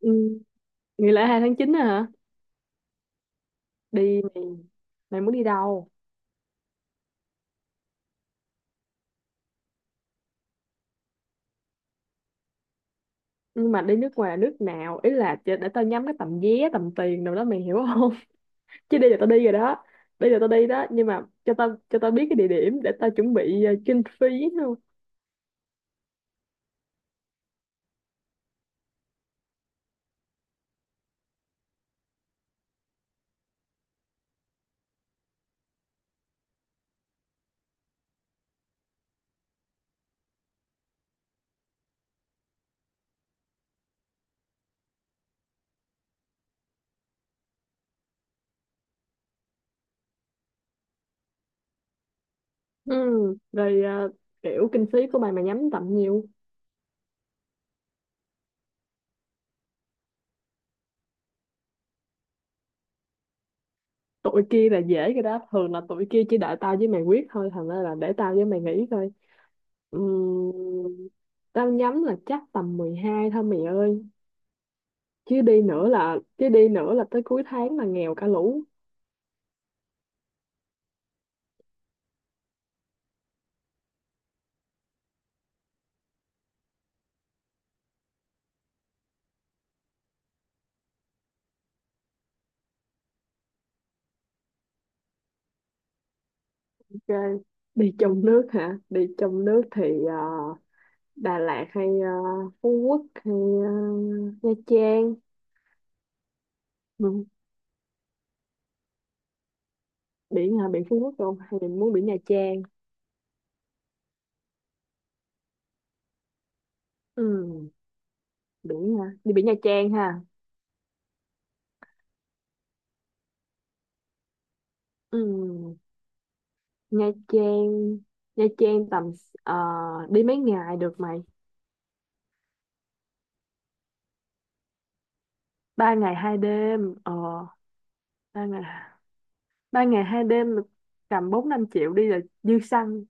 Ừ. Nghỉ lễ 2 tháng 9 á hả? Đi mày, mày muốn đi đâu? Nhưng mà đi nước ngoài nước nào? Ý là để tao nhắm cái tầm vé, tầm tiền đâu đó mày hiểu không? Chứ đi là tao đi rồi đó. Đi là tao đi đó, nhưng mà cho tao biết cái địa điểm để tao chuẩn bị kinh phí luôn. Ừ, rồi ờ, kiểu kinh phí của mày, mày nhắm tầm nhiêu? Tụi kia là dễ cái đó, thường là tụi kia chỉ đợi tao với mày quyết thôi, thành ra là để tao với mày nghĩ coi. Ừ, tao nhắm là chắc tầm 12 thôi mày ơi. Chứ đi nữa là tới cuối tháng là nghèo cả lũ. Ok. Đi trong nước hả? Đi trong nước thì ờ, Đà Lạt hay Phú Quốc hay ờ, Nha Trang. Ừ. Biển hả? Biển Phú Quốc không hay mình muốn biển Nha Trang? Ừ. Biển hả? Đi biển Nha Trang ha. Ừ. Nha Trang Nha Trang tầm ờ, đi mấy ngày được mày? Ba ngày hai đêm ba ngày. Ba ngày hai đêm là tầm bốn năm triệu đi là dư xăng,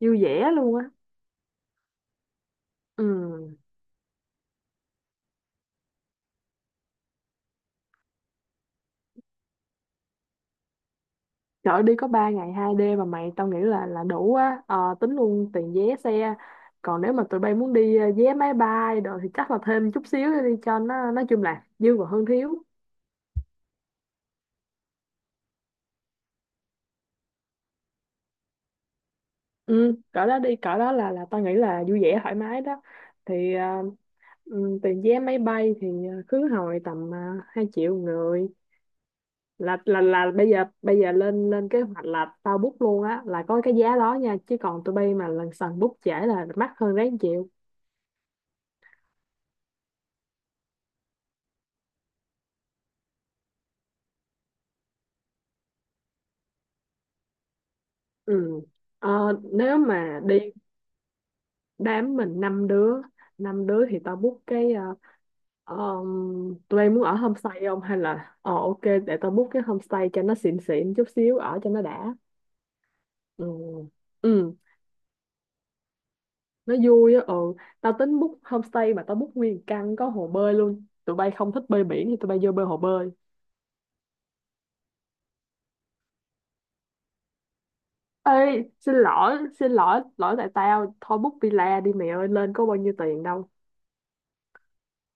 vui vẻ luôn á. Ừ, trời ơi, đi có 3 ngày 2 đêm mà mày, tao nghĩ là đủ á. Ờ, tính luôn tiền vé xe, còn nếu mà tụi bay muốn đi vé máy bay rồi thì chắc là thêm chút xíu đi cho nó, nói chung là dư và hơn thiếu. Ừ, cỡ đó đi, cỡ đó là tao nghĩ là vui vẻ thoải mái đó. thì ờ, tiền vé máy bay thì khứ hồi tầm 2 triệu người. Là bây giờ lên lên kế hoạch là tao book luôn á, là có cái giá đó nha, chứ còn tụi bay mà lần sần book trễ là mắc hơn, ráng chịu. Ừ. Ờ, nếu mà đi đám mình năm đứa thì tao book cái tụi em muốn ở homestay không hay là, ờ, ok, để tao book cái homestay cho nó xịn xịn chút xíu ở cho nó đã. Ừ. Ừ, nó vui á. Ừ, tao tính book homestay mà tao book nguyên căn có hồ bơi luôn, tụi bay không thích bơi biển thì tụi bay vô bơi hồ bơi. Ê, xin lỗi xin lỗi, lỗi tại tao thôi, book villa đi mẹ ơi, lên có bao nhiêu tiền đâu.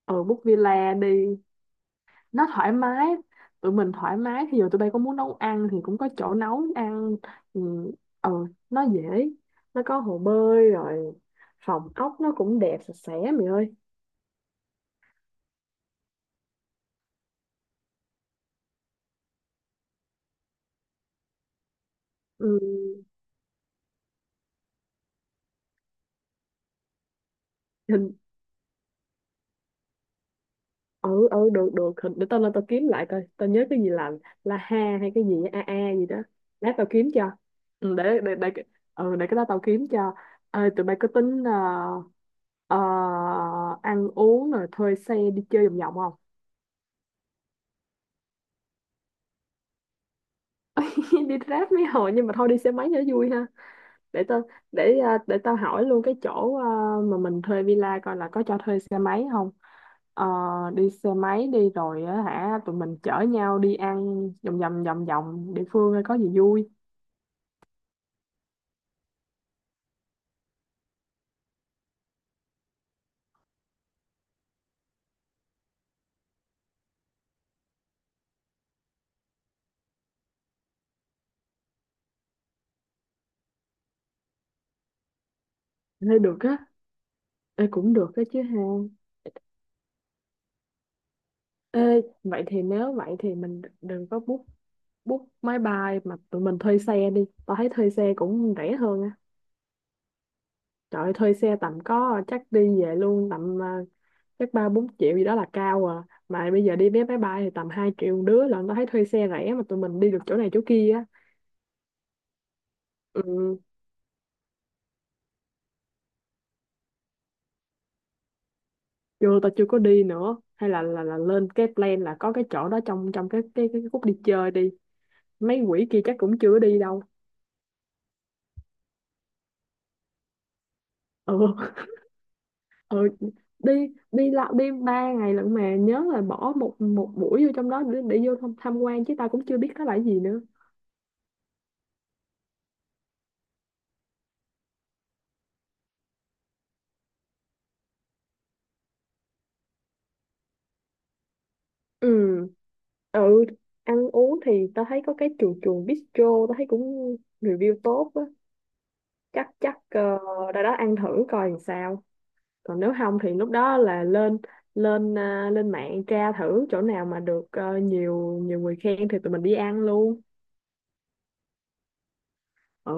Ừ, book villa đi, nó thoải mái, tụi mình thoải mái, thì giờ tụi bay có muốn nấu ăn thì cũng có chỗ nấu ăn. ừ, ờ, nó dễ, nó có hồ bơi rồi, phòng ốc nó cũng đẹp sạch sẽ mày ơi. Ừ, hình. Ừ ừ, được được, hình để tao lên tao kiếm lại coi, tao nhớ cái gì là la ha hay cái gì á, a a gì đó. Lát tao kiếm cho. ừ, để để để cái- ừ, để cái đó tao kiếm cho. Ê, tụi bay có tính ờ, ăn uống rồi thuê xe đi chơi vòng vòng không? Đi Grab mấy hồi, nhưng mà thôi đi xe máy cho vui ha. để tao để tao hỏi luôn cái chỗ mà mình thuê villa coi là có cho thuê xe máy không. Ờ, đi xe máy đi rồi á hả, tụi mình chở nhau đi ăn vòng vòng địa phương coi có gì vui. Thế được á. Ê, cũng được á chứ ha. Ê, vậy thì, nếu vậy thì mình đừng có book book máy bay mà tụi mình thuê xe đi, tao thấy thuê xe cũng rẻ hơn á. Trời, thuê xe tầm có, chắc đi về luôn tầm chắc ba bốn triệu gì đó là cao à, mà bây giờ đi vé máy bay thì tầm 2 triệu một đứa, là tao thấy thuê xe rẻ mà tụi mình đi được chỗ này chỗ kia á. Ừ, chưa, tao chưa có đi nữa, hay là lên cái plan là có cái chỗ đó trong trong cái khúc đi chơi đi. Mấy quỷ kia chắc cũng chưa đi đâu. Ừ. Ừ, đi. Đi lại, đi ba ngày lận mà nhớ là bỏ một một buổi vô trong đó để vô tham quan, chứ tao cũng chưa biết nó là cái gì nữa. Ừ ừ, ăn uống thì tao thấy có cái chuồng chuồng bistro, tao thấy cũng review tốt á. Chắc chắc ra đó ăn thử coi làm sao. Còn nếu không thì lúc đó là lên, lên mạng tra thử chỗ nào mà được nhiều nhiều người khen thì tụi mình đi ăn luôn. Ừ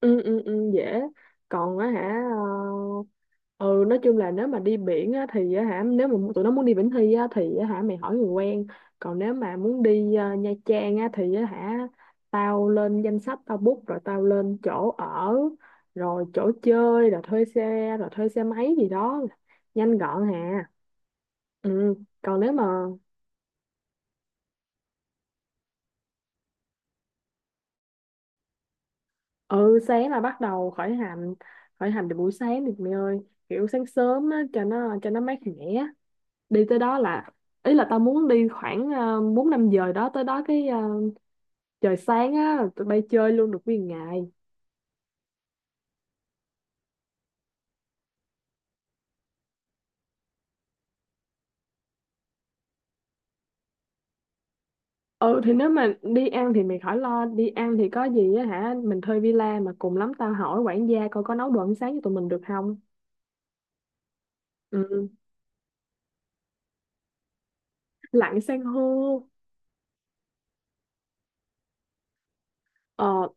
ừ ừ, ừ dễ. Còn á hả, ừ, nói chung là nếu mà đi biển á thì á hả, nếu mà tụi nó muốn đi Vĩnh Thi á thì á hả, mày hỏi người quen. Còn nếu mà muốn đi Nha Trang á thì á hả, tao lên danh sách, tao book rồi tao lên chỗ ở, rồi chỗ chơi, rồi thuê xe, rồi thuê xe máy gì đó, nhanh gọn hà. Ừ, còn nếu mà, ừ, sáng là bắt đầu khởi hành. Khởi hành từ buổi sáng thì mày ơi, kiểu sáng sớm á cho nó, mát mẻ đi tới đó, là ý là tao muốn đi khoảng bốn năm giờ đó, tới đó cái trời sáng á là tụi bay chơi luôn được nguyên ngày. Ừ, thì nếu mà đi ăn thì mày khỏi lo, đi ăn thì có gì á hả, mình thuê villa mà, cùng lắm tao hỏi quản gia coi có nấu đồ ăn sáng cho tụi mình được không. Ừ, lặn san hô. ờ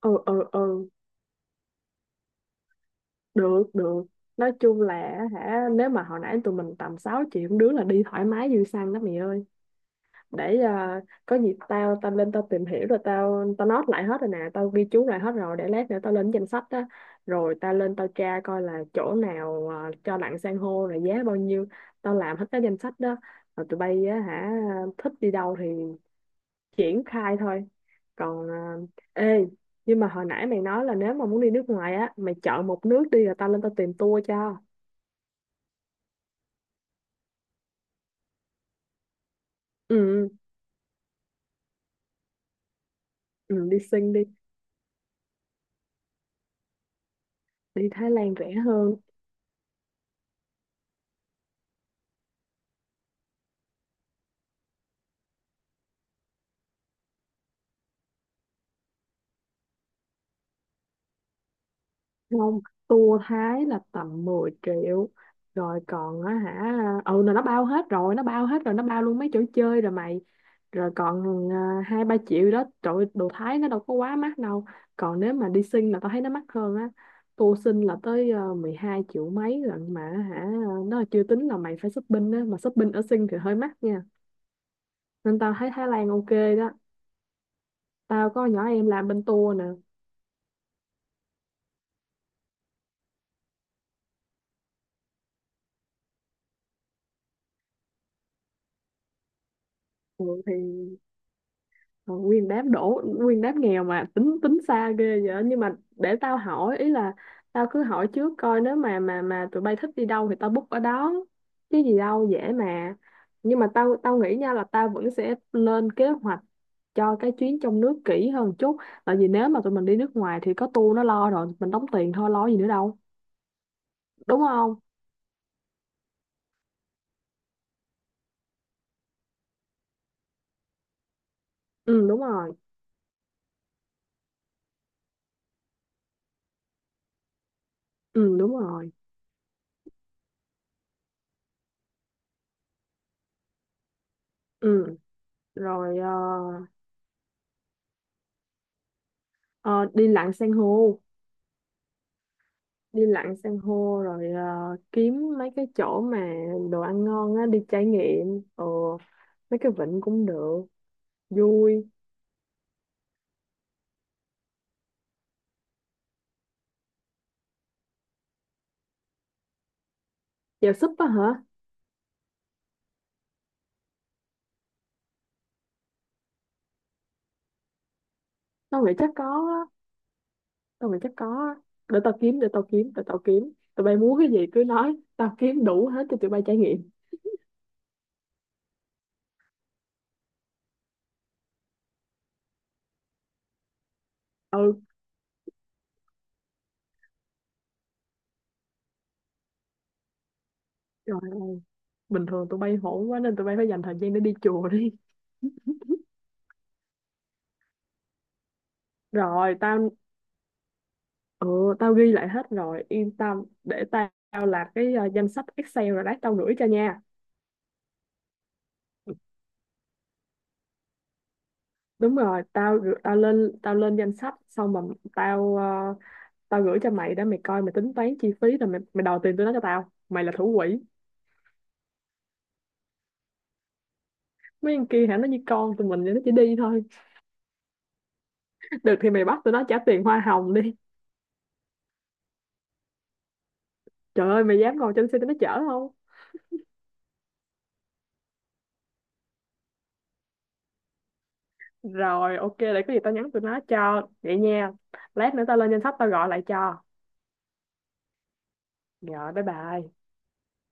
ừ ừ ừ, được được, nói chung là hả, nếu mà hồi nãy tụi mình tầm 6 triệu một đứa là đi thoải mái dư xăng đó mày ơi. Có gì tao tao lên tao tìm hiểu rồi tao tao note lại hết rồi nè, tao ghi chú lại hết rồi, để lát nữa tao lên danh sách đó, rồi tao lên tao tra coi là chỗ nào cho lặn san hô rồi giá bao nhiêu, tao làm hết cái danh sách đó, rồi tụi bay á hả, thích đi đâu thì triển khai thôi. Còn ê, nhưng mà hồi nãy mày nói là nếu mà muốn đi nước ngoài á, mày chọn một nước đi rồi tao lên tao tìm tour cho. Ừ ừ, ừ, đi Sing đi. Đi Thái Lan rẻ hơn không? Tour Thái là tầm 10 triệu, rồi còn á hả, ừ, là nó bao hết rồi, nó bao hết rồi, nó bao luôn mấy chỗ chơi rồi mày, rồi còn hai ba triệu đó, trời ơi, đồ Thái nó đâu có quá mắc đâu. Còn nếu mà đi Sinh là tao thấy nó mắc hơn á, tour Sinh là tới 12 triệu mấy rồi mà hả, nó là chưa tính là mày phải shopping á, mà shopping ở Sinh thì hơi mắc nha, nên tao thấy Thái Lan ok đó. Tao có nhỏ em làm bên tour nè. Ừ, thì rồi, nguyên đám đổ nguyên đám nghèo mà tính tính xa ghê vậy, nhưng mà để tao hỏi ý là, tao cứ hỏi trước coi nếu mà tụi bay thích đi đâu thì tao book ở đó, chứ gì đâu dễ mà. Nhưng mà tao, tao nghĩ nha, là tao vẫn sẽ lên kế hoạch cho cái chuyến trong nước kỹ hơn chút, tại vì nếu mà tụi mình đi nước ngoài thì có tour nó lo rồi, mình đóng tiền thôi, lo gì nữa đâu, đúng không? Ừ, đúng rồi. Ừ, đúng rồi. Ừ, rồi ờ, đi lặn san hô. Đi lặn san hô rồi kiếm mấy cái chỗ mà đồ ăn ngon á, đi trải nghiệm mấy cái vịnh cũng được, vui. Chèo súp á hả? Tao nghĩ chắc có á, tao nghĩ chắc có á, để tao kiếm, để tao kiếm, để tao kiếm, tụi bay muốn cái gì cứ nói, tao kiếm đủ hết cho tụi bay trải nghiệm. Ừ, trời ơi, bình thường tụi bay hổn quá nên tụi bay phải dành thời gian để đi chùa đi. Rồi tao, ừ, tao ghi lại hết rồi yên tâm, để tao làm cái danh sách Excel rồi lát tao gửi cho nha. Đúng rồi, tao lên danh sách xong mà, tao ờ, tao gửi cho mày đó, mày coi mày tính toán chi phí rồi mày, mày đòi tiền tụi nó cho tao, mày là thủ quỹ. Mấy con kia hả, nó như con tụi mình vậy, nó chỉ đi thôi. Được thì mày bắt tụi nó trả tiền hoa hồng đi. Trời ơi, mày dám ngồi trên xe tụi nó chở không? Rồi ok, để có gì tao nhắn tụi nó cho vậy nha. Lát nữa tao lên danh sách tao gọi lại cho. Rồi, bye bye.